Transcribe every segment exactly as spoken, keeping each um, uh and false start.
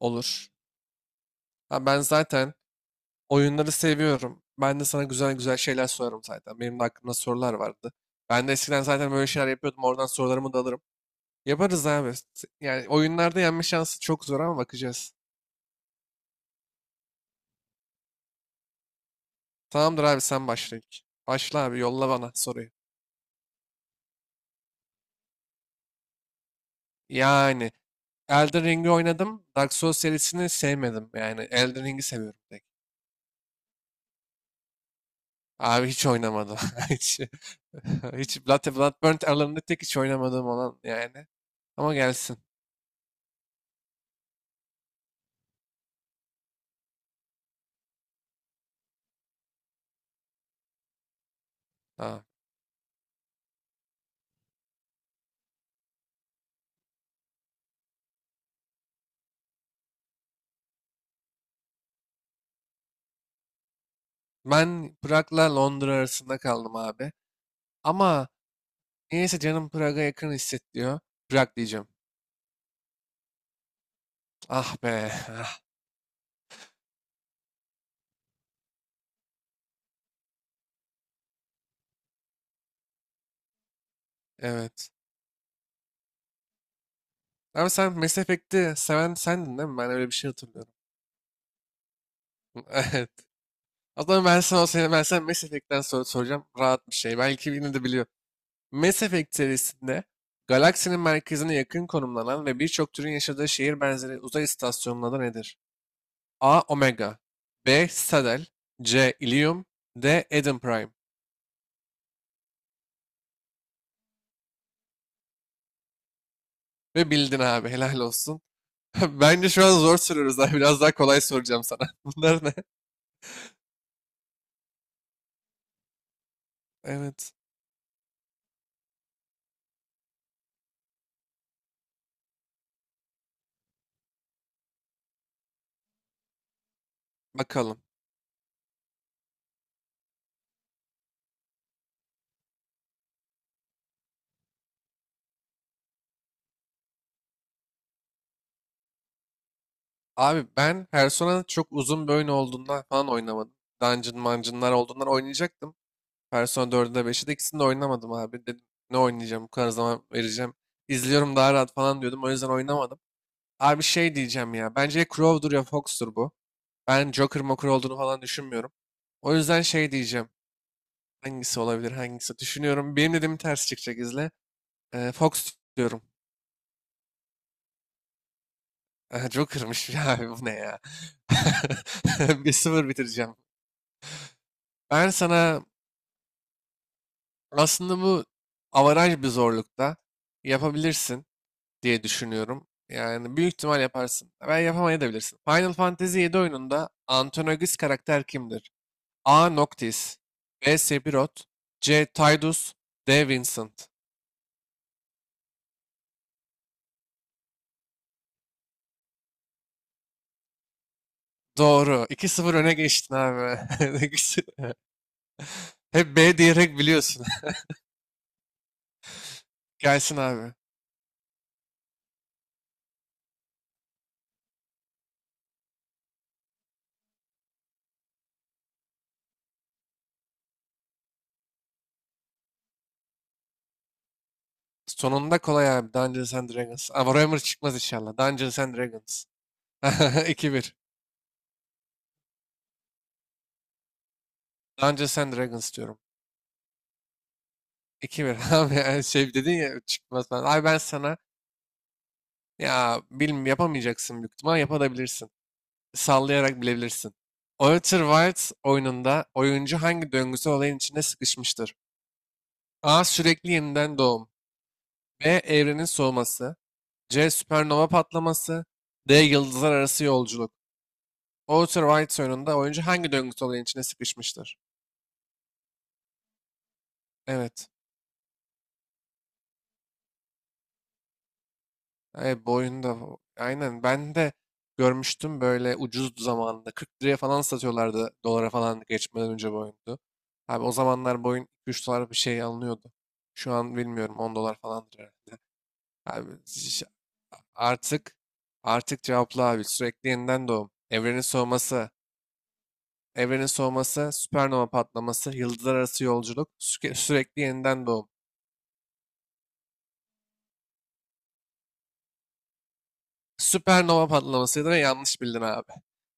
Olur. Ha, ben zaten oyunları seviyorum. Ben de sana güzel güzel şeyler sorarım zaten. Benim de aklımda sorular vardı. Ben de eskiden zaten böyle şeyler yapıyordum. Oradan sorularımı da alırım. Yaparız abi. S- Yani oyunlarda yenme şansı çok zor ama bakacağız. Tamamdır abi, sen başla ilk. Başla abi, yolla bana soruyu. Yani Elden Ring'i oynadım. Dark Souls serisini sevmedim. Yani Elden Ring'i seviyorum tek. Abi hiç oynamadım. Hiç. Hiç Blood, Bloodborne aralarında tek hiç oynamadığım olan yani. Ama gelsin. Tamam. Ben Prag'la Londra arasında kaldım abi. Ama niyeyse canım Prag'a yakın hissediyor. Prag diyeceğim. Ah be. Ah, evet. Abi sen Mass Effect'i seven sendin değil mi? Ben öyle bir şey hatırlıyorum. Evet. O zaman ben sana o sene, ben sana Mass Effect'ten sor soracağım. Rahat bir şey. Belki yine de biliyor. Mass Effect serisinde galaksinin merkezine yakın konumlanan ve birçok türün yaşadığı şehir benzeri uzay istasyonunun adı nedir? A. Omega. B. Citadel. C. Ilium. D. Eden Prime. Ve bildin abi, helal olsun. Bence şu an zor soruyoruz abi. Biraz daha kolay soracağım sana. Bunlar ne? Evet. Bakalım. Abi ben Persona çok uzun bir oyun olduğundan falan oynamadım. Dungeon mancınlar olduğundan oynayacaktım. Persona dördü de beşi de ikisini de oynamadım abi. Dedim ne oynayacağım bu kadar zaman vereceğim. İzliyorum daha rahat falan diyordum. O yüzden oynamadım. Abi şey diyeceğim ya. Bence ya Crow'dur ya Fox'tur bu. Ben Joker Moker olduğunu falan düşünmüyorum. O yüzden şey diyeceğim. Hangisi olabilir hangisi? Düşünüyorum. Benim dediğim ters çıkacak izle. Ee, Fox diyorum. Ee, Joker'mış. Ya abi bu ne ya? Bir sıfır bitireceğim. Ben sana aslında bu avaraj bir zorlukta yapabilirsin diye düşünüyorum. Yani büyük ihtimal yaparsın. Ben yapamayabilirsin. Final Fantasy yedi oyununda antagonist karakter kimdir? A. Noctis. B. Sephiroth. C. Tidus. D. Vincent. Doğru. iki sıfır öne geçtin abi. Hep B diyerek biliyorsun. Gelsin abi. Sonunda kolay abi. Dungeons and Dragons. Ama Warhammer çıkmaz inşallah. Dungeons and Dragons. iki bir. Dungeons and Dragons diyorum. iki bir. Abi yani şey dedin ya çıkmaz falan. Abi ben sana ya bilmiyorum yapamayacaksın büyük ihtimal. Yapabilirsin. Sallayarak bilebilirsin. Outer Wilds oyununda oyuncu hangi döngüsel olayın içinde sıkışmıştır? A. Sürekli yeniden doğum. B. Evrenin soğuması. C. Süpernova patlaması. D. Yıldızlar arası yolculuk. Outer Wilds oyununda oyuncu hangi döngüsel olayın içine sıkışmıştır? Evet. Evet boyunda. Bu. Aynen. Ben de görmüştüm böyle ucuz zamanında. kırk liraya falan satıyorlardı, dolara falan geçmeden önce boyundu. Abi o zamanlar boyun üç dolar bir şey alınıyordu. Şu an bilmiyorum, on dolar falandır herhalde. Abi ş- artık artık cevapla abi. Sürekli yeniden doğum. Evrenin soğuması. Evrenin soğuması, süpernova patlaması, yıldızlar arası yolculuk, süke- sürekli yeniden doğum. Süpernova patlamasıydı ve yanlış bildin abi.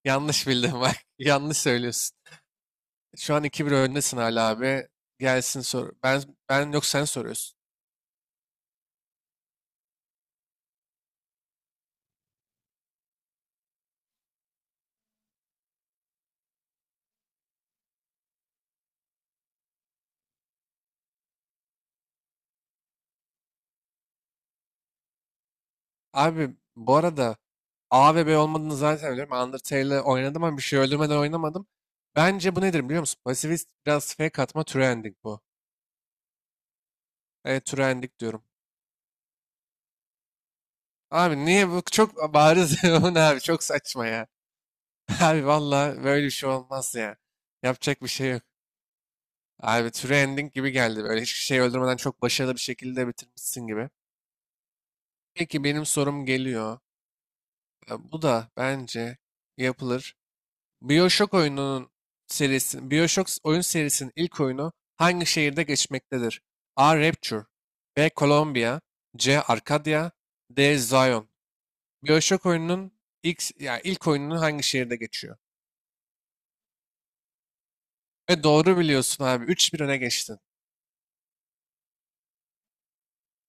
Yanlış bildin bak. Yanlış söylüyorsun. Şu an iki bir öndesin hala abi. Gelsin sor. Ben ben yok, sen soruyorsun. Abi bu arada A ve B olmadığını zaten biliyorum. Undertale'le oynadım ama bir şey öldürmeden oynamadım. Bence bu nedir biliyor musun? Pasifist biraz fake atma, true ending bu. Evet, true ending diyorum. Abi niye bu çok bariz bu ne abi çok saçma ya. Abi valla böyle bir şey olmaz ya. Yapacak bir şey yok. Abi True Ending gibi geldi. Böyle hiçbir şey öldürmeden çok başarılı bir şekilde bitirmişsin gibi. Peki benim sorum geliyor. E, Bu da bence yapılır. BioShock oyununun serisi, BioShock oyun serisinin ilk oyunu hangi şehirde geçmektedir? A. Rapture. B. Columbia. C. Arcadia. D. Zion. BioShock oyununun ilk, ya ilk oyununun hangi şehirde geçiyor? Ve doğru biliyorsun abi. Üç bir öne geçtin.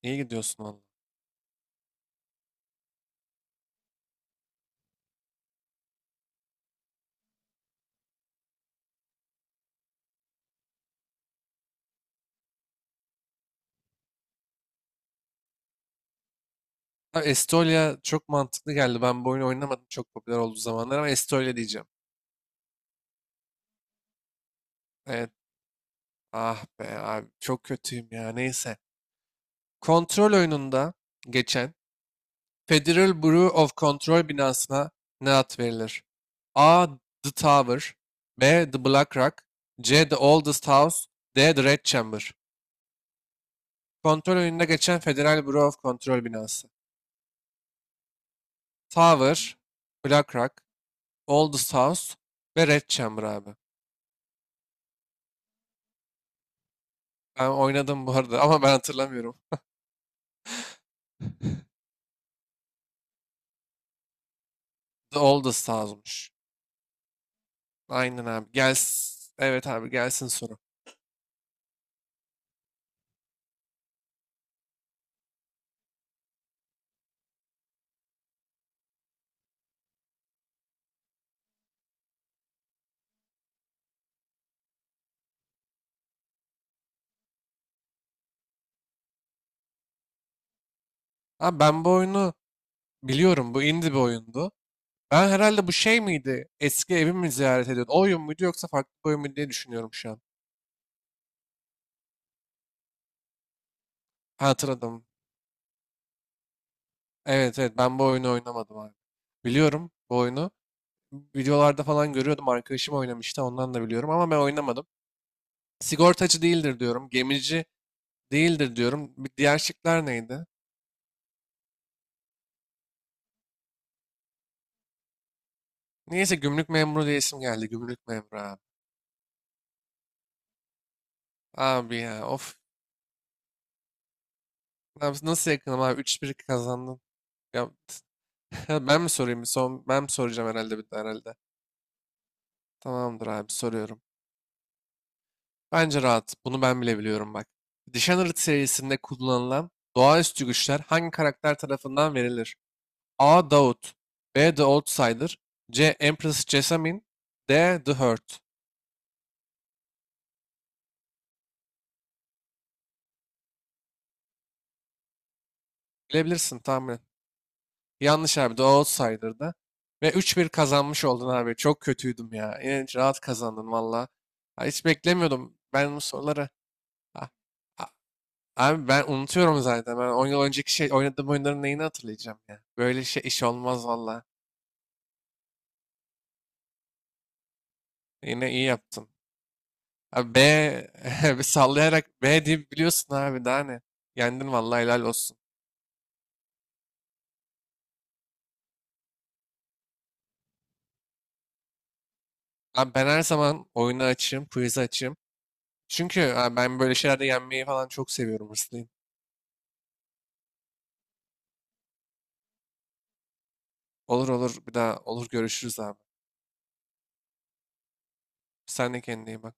İyi gidiyorsun valla. Ha, Estolia çok mantıklı geldi. Ben bu oyunu oynamadım çok popüler olduğu zamanlar, ama Estolia diyeceğim. Evet. Ah be abi çok kötüyüm ya. Neyse. Kontrol oyununda geçen Federal Bureau of Control binasına ne ad verilir? A. The Tower. B. The Black Rock. C. The Oldest House. D. The Red Chamber. Kontrol oyununda geçen Federal Bureau of Control binası. Tower, Black Rock, Oldest House ve Red Chamber abi. Ben oynadım bu arada ama ben hatırlamıyorum. The Oldest House'muş. Aynen abi. Gelsin. Evet abi, gelsin soru. Abi ben bu oyunu biliyorum. Bu indie bir oyundu. Ben herhalde bu şey miydi? Eski evimi mi ziyaret ediyordu? O oyun muydu yoksa farklı bir oyun muydu diye düşünüyorum şu an. Ha, hatırladım. Evet evet, ben bu oyunu oynamadım abi. Biliyorum bu oyunu. Videolarda falan görüyordum. Arkadaşım oynamıştı, ondan da biliyorum ama ben oynamadım. Sigortacı değildir diyorum. Gemici değildir diyorum. Bir diğer şıklar neydi? Neyse, gümrük memuru diye isim geldi. Gümrük memuru abi. Abi ya of. Abi nasıl yakınım abi? üç bir kazandın. Ya, ben mi sorayım? Bir Son, ben mi soracağım herhalde bir de herhalde. Tamamdır abi, soruyorum. Bence rahat. Bunu ben bile biliyorum bak. Dishonored serisinde kullanılan doğaüstü güçler hangi karakter tarafından verilir? A. Daud. B. The Outsider. C. Empress Jessamine. D. The Hurt. Bilebilirsin tahmin. Yanlış abi. The Outsider'da. Ve üç bir kazanmış oldun abi. Çok kötüydüm ya. Yine rahat kazandın valla. Ha, hiç beklemiyordum ben bu soruları. A- a- Abi ben unutuyorum zaten. Ben on yıl önceki şey oynadığım oyunların neyini hatırlayacağım ya. Böyle şey iş olmaz valla. Yine iyi yaptın. Abi B bir sallayarak B diye biliyorsun abi daha ne. Yendin valla, helal olsun. Abi ben her zaman oyunu açayım, quiz'i açayım. Çünkü abi ben böyle şeylerde yenmeyi falan çok seviyorum, hırslıyım. Olur olur, bir daha olur görüşürüz abi. Sen de kendine iyi bak.